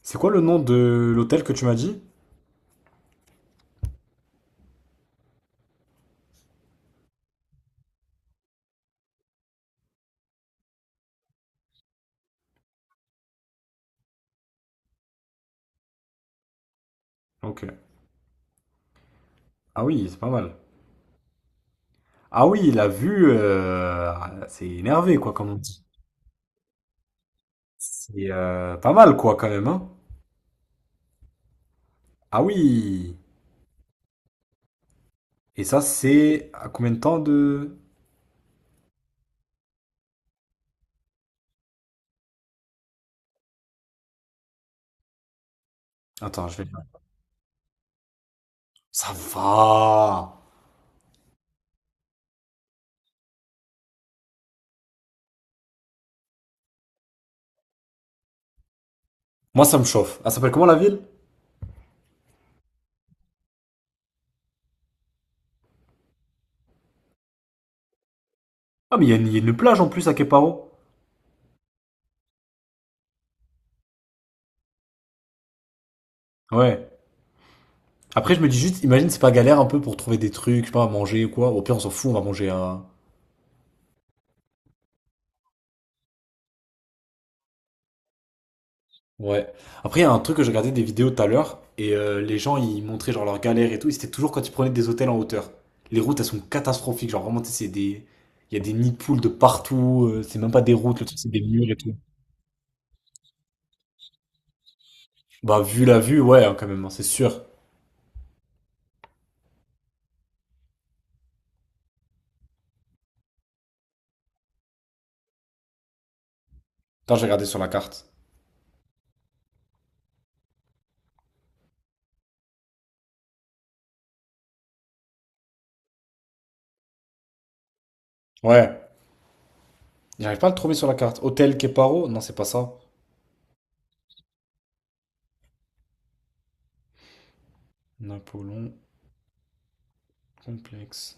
C'est quoi le nom de l'hôtel que tu m'as dit? Ok. Ah oui, c'est pas mal. Ah oui, la vue, c'est énervé, quoi, comme on dit. C'est pas mal, quoi, quand même, hein. Ah oui. Et ça, c'est à combien de temps de... Attends, je vais... Ça va. Moi, ça me chauffe. Elle s'appelle comment la ville? Ah, mais il y a une plage en plus à Queparo. Ouais. Après, je me dis juste, imagine, c'est pas galère un peu pour trouver des trucs, je sais pas, à manger ou quoi. Au pire, on s'en fout, on va manger à... Ouais. Après, il y a un truc que j'ai regardé des vidéos tout à l'heure, et les gens, ils montraient genre leurs galères et tout, et c'était toujours quand ils prenaient des hôtels en hauteur. Les routes, elles sont catastrophiques, genre vraiment, tu sais, c'est des... Il y a des nids de poules de partout, c'est même pas des routes, le truc, c'est des murs et tout. Bah, vu la vue, ouais, hein, quand même, hein, c'est sûr. Attends, j'ai regardé sur la carte. Ouais. J'arrive pas à le trouver sur la carte. Hôtel Keparo? Non, c'est pas ça. Napoléon complexe.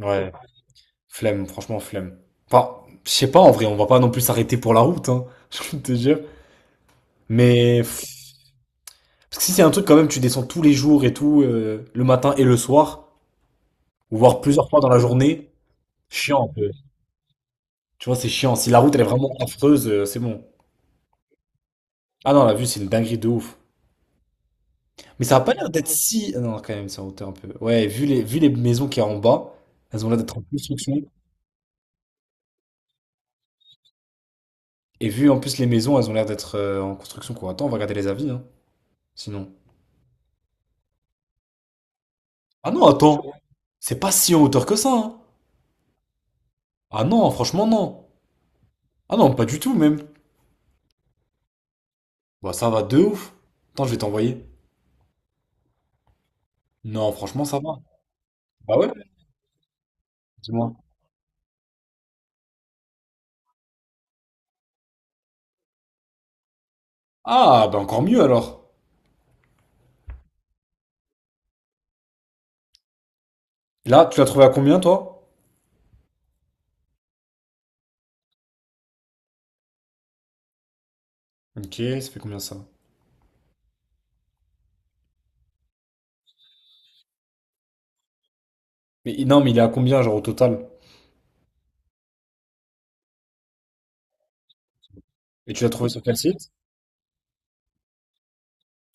Ouais. Flemme, franchement, flemme. Enfin, je sais pas, en vrai, on va pas non plus s'arrêter pour la route, hein, je te jure. Mais... Parce que si c'est un truc quand même, tu descends tous les jours et tout, le matin et le soir, ou voire plusieurs fois dans la journée, chiant un peu. Tu vois, c'est chiant. Si la route elle est vraiment affreuse, c'est bon. Ah non, la vue c'est une dinguerie de ouf. Mais ça a pas l'air d'être si. Ah non, quand même, c'est en hauteur un peu. Ouais, vu les maisons qu'il y a en bas, elles ont l'air d'être en construction. Et vu en plus les maisons, elles ont l'air d'être en construction, quoi. Attends, on va regarder les avis, hein. Sinon. Ah non, attends, c'est pas si en hauteur que ça, hein. Ah non, franchement, non. Ah non, pas du tout, même. Bah, ça va de ouf. Attends, je vais t'envoyer. Non, franchement, ça va. Bah ouais, dis-moi. Ah, bah encore mieux alors. Là, tu l'as trouvé à combien, toi? Ok, ça fait combien ça? Mais non, mais il est à combien, genre au total? Et tu l'as trouvé sur quel site?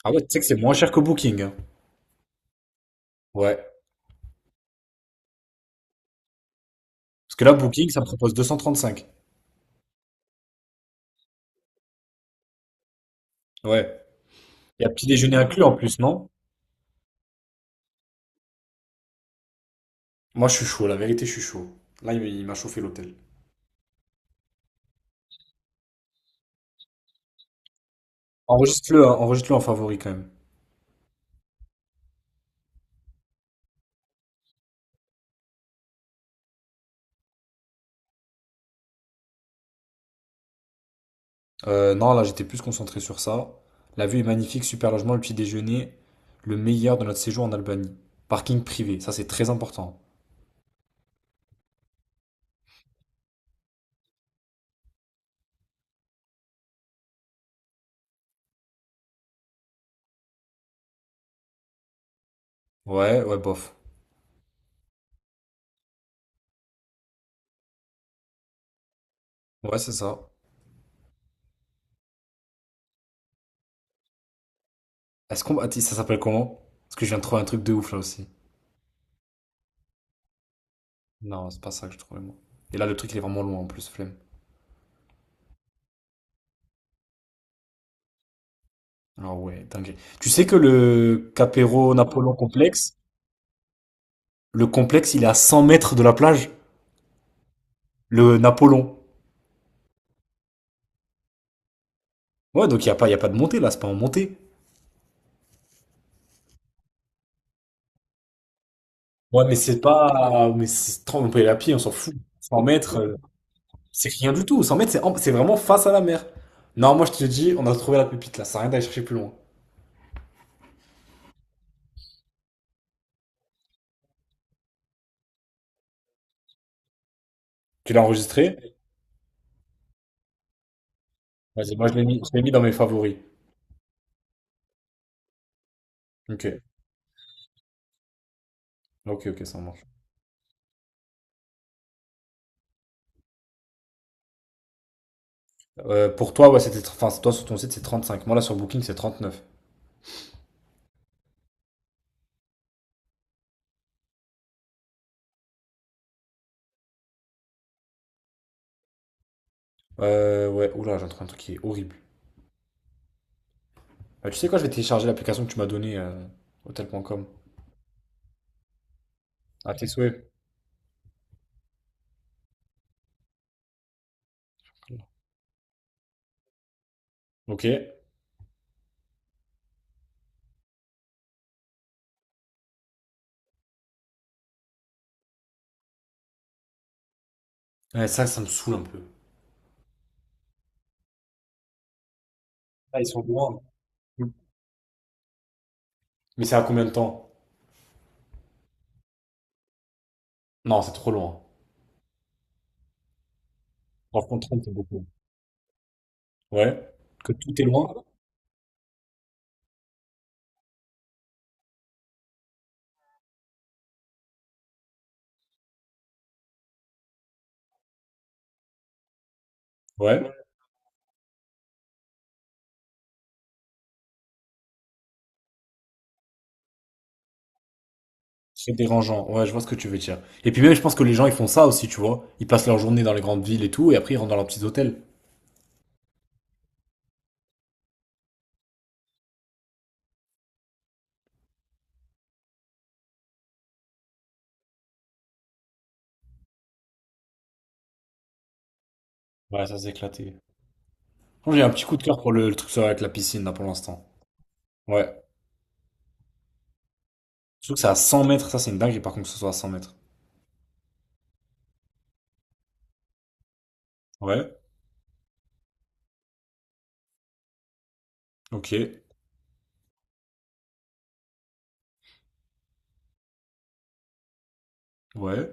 Ah ouais, tu sais que c'est moins cher que Booking, hein. Ouais. Parce que là, Booking, ça me propose 235. Ouais. Il y a petit déjeuner inclus en plus, non? Moi, je suis chaud, la vérité, je suis chaud. Là, il m'a chauffé l'hôtel. Enregistre-le, hein, enregistre-le en favori quand même. Non, là, j'étais plus concentré sur ça. La vue est magnifique, super logement, le petit déjeuner, le meilleur de notre séjour en Albanie. Parking privé, ça c'est très important. Ouais, ouais, bof. Ouais, c'est ça. Est-ce qu'on... Attends, ça s'appelle comment? Parce que je viens de trouver un truc de ouf là aussi. Non, c'est pas ça que je trouvais moi. Et là, le truc, il est vraiment loin en plus, flemme. Alors ouais, dingue. Tu sais que le Capero Napoléon complexe, le complexe, il est à 100 mètres de la plage. Le Napoléon. Ouais, donc il y a pas de montée là, c'est pas en montée. Ouais, mais c'est pas. Mais c'est 30 la pied, on s'en fout. 100 mètres, c'est rien du tout. 100 mètres, c'est vraiment face à la mer. Non, moi je te dis, on a trouvé la pépite là, ça sert à rien d'aller chercher plus loin. Tu l'as enregistré? Vas-y, moi je l'ai mis dans mes favoris. Ok, ok, ok, ça marche. Pour toi, ouais, c'était. Enfin, toi sur ton site, c'est 35. Moi là sur Booking, c'est 39. Ouais, oula, j'ai trouvé un truc qui est horrible. Tu sais quoi, je vais télécharger l'application que tu m'as donnée, hotel.com. À tes souhaits. Ok. Ouais, ça me saoule un peu. Ah, ils sont loin. Mais c'est à combien de temps? Non, c'est trop loin. Franchement, 30 c'est beaucoup. Ouais. Que tout est loin. Ouais. C'est dérangeant. Ouais, je vois ce que tu veux dire. Et puis même, je pense que les gens, ils font ça aussi, tu vois. Ils passent leur journée dans les grandes villes et tout, et après, ils rentrent dans leurs petits hôtels. Ouais, ça, c'est éclaté. Franchement, j'ai un petit coup de cœur pour le truc avec la piscine, là, pour l'instant. Ouais. Je trouve que c'est à 100 mètres. Ça, c'est une dinguerie, par contre, que ce soit à 100 mètres. Ouais. Ok. Ouais.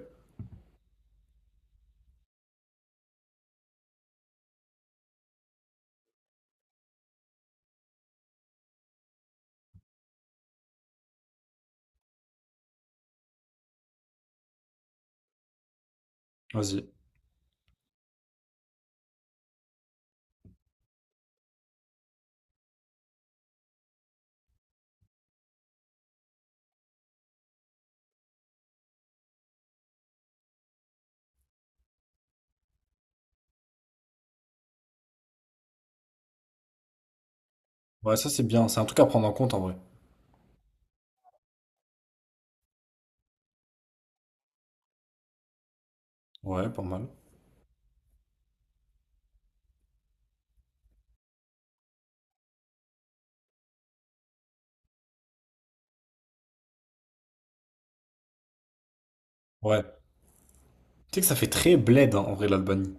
Vas-y. Ouais, ça, c'est bien. C'est un truc à prendre en compte, en vrai. Ouais, pas mal. Ouais. Tu sais que ça fait très bled, hein, en vrai, l'Albanie.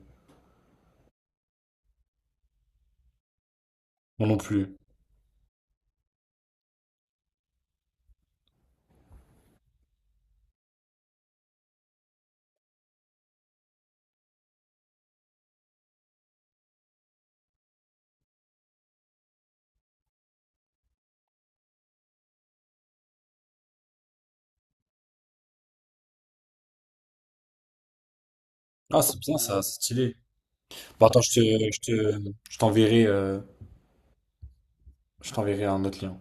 Moi non plus. Ah, c'est bien, ça, c'est stylé. Bon, attends, je te, je t'enverrai, je t'enverrai un autre lien,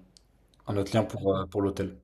un autre lien pour l'hôtel.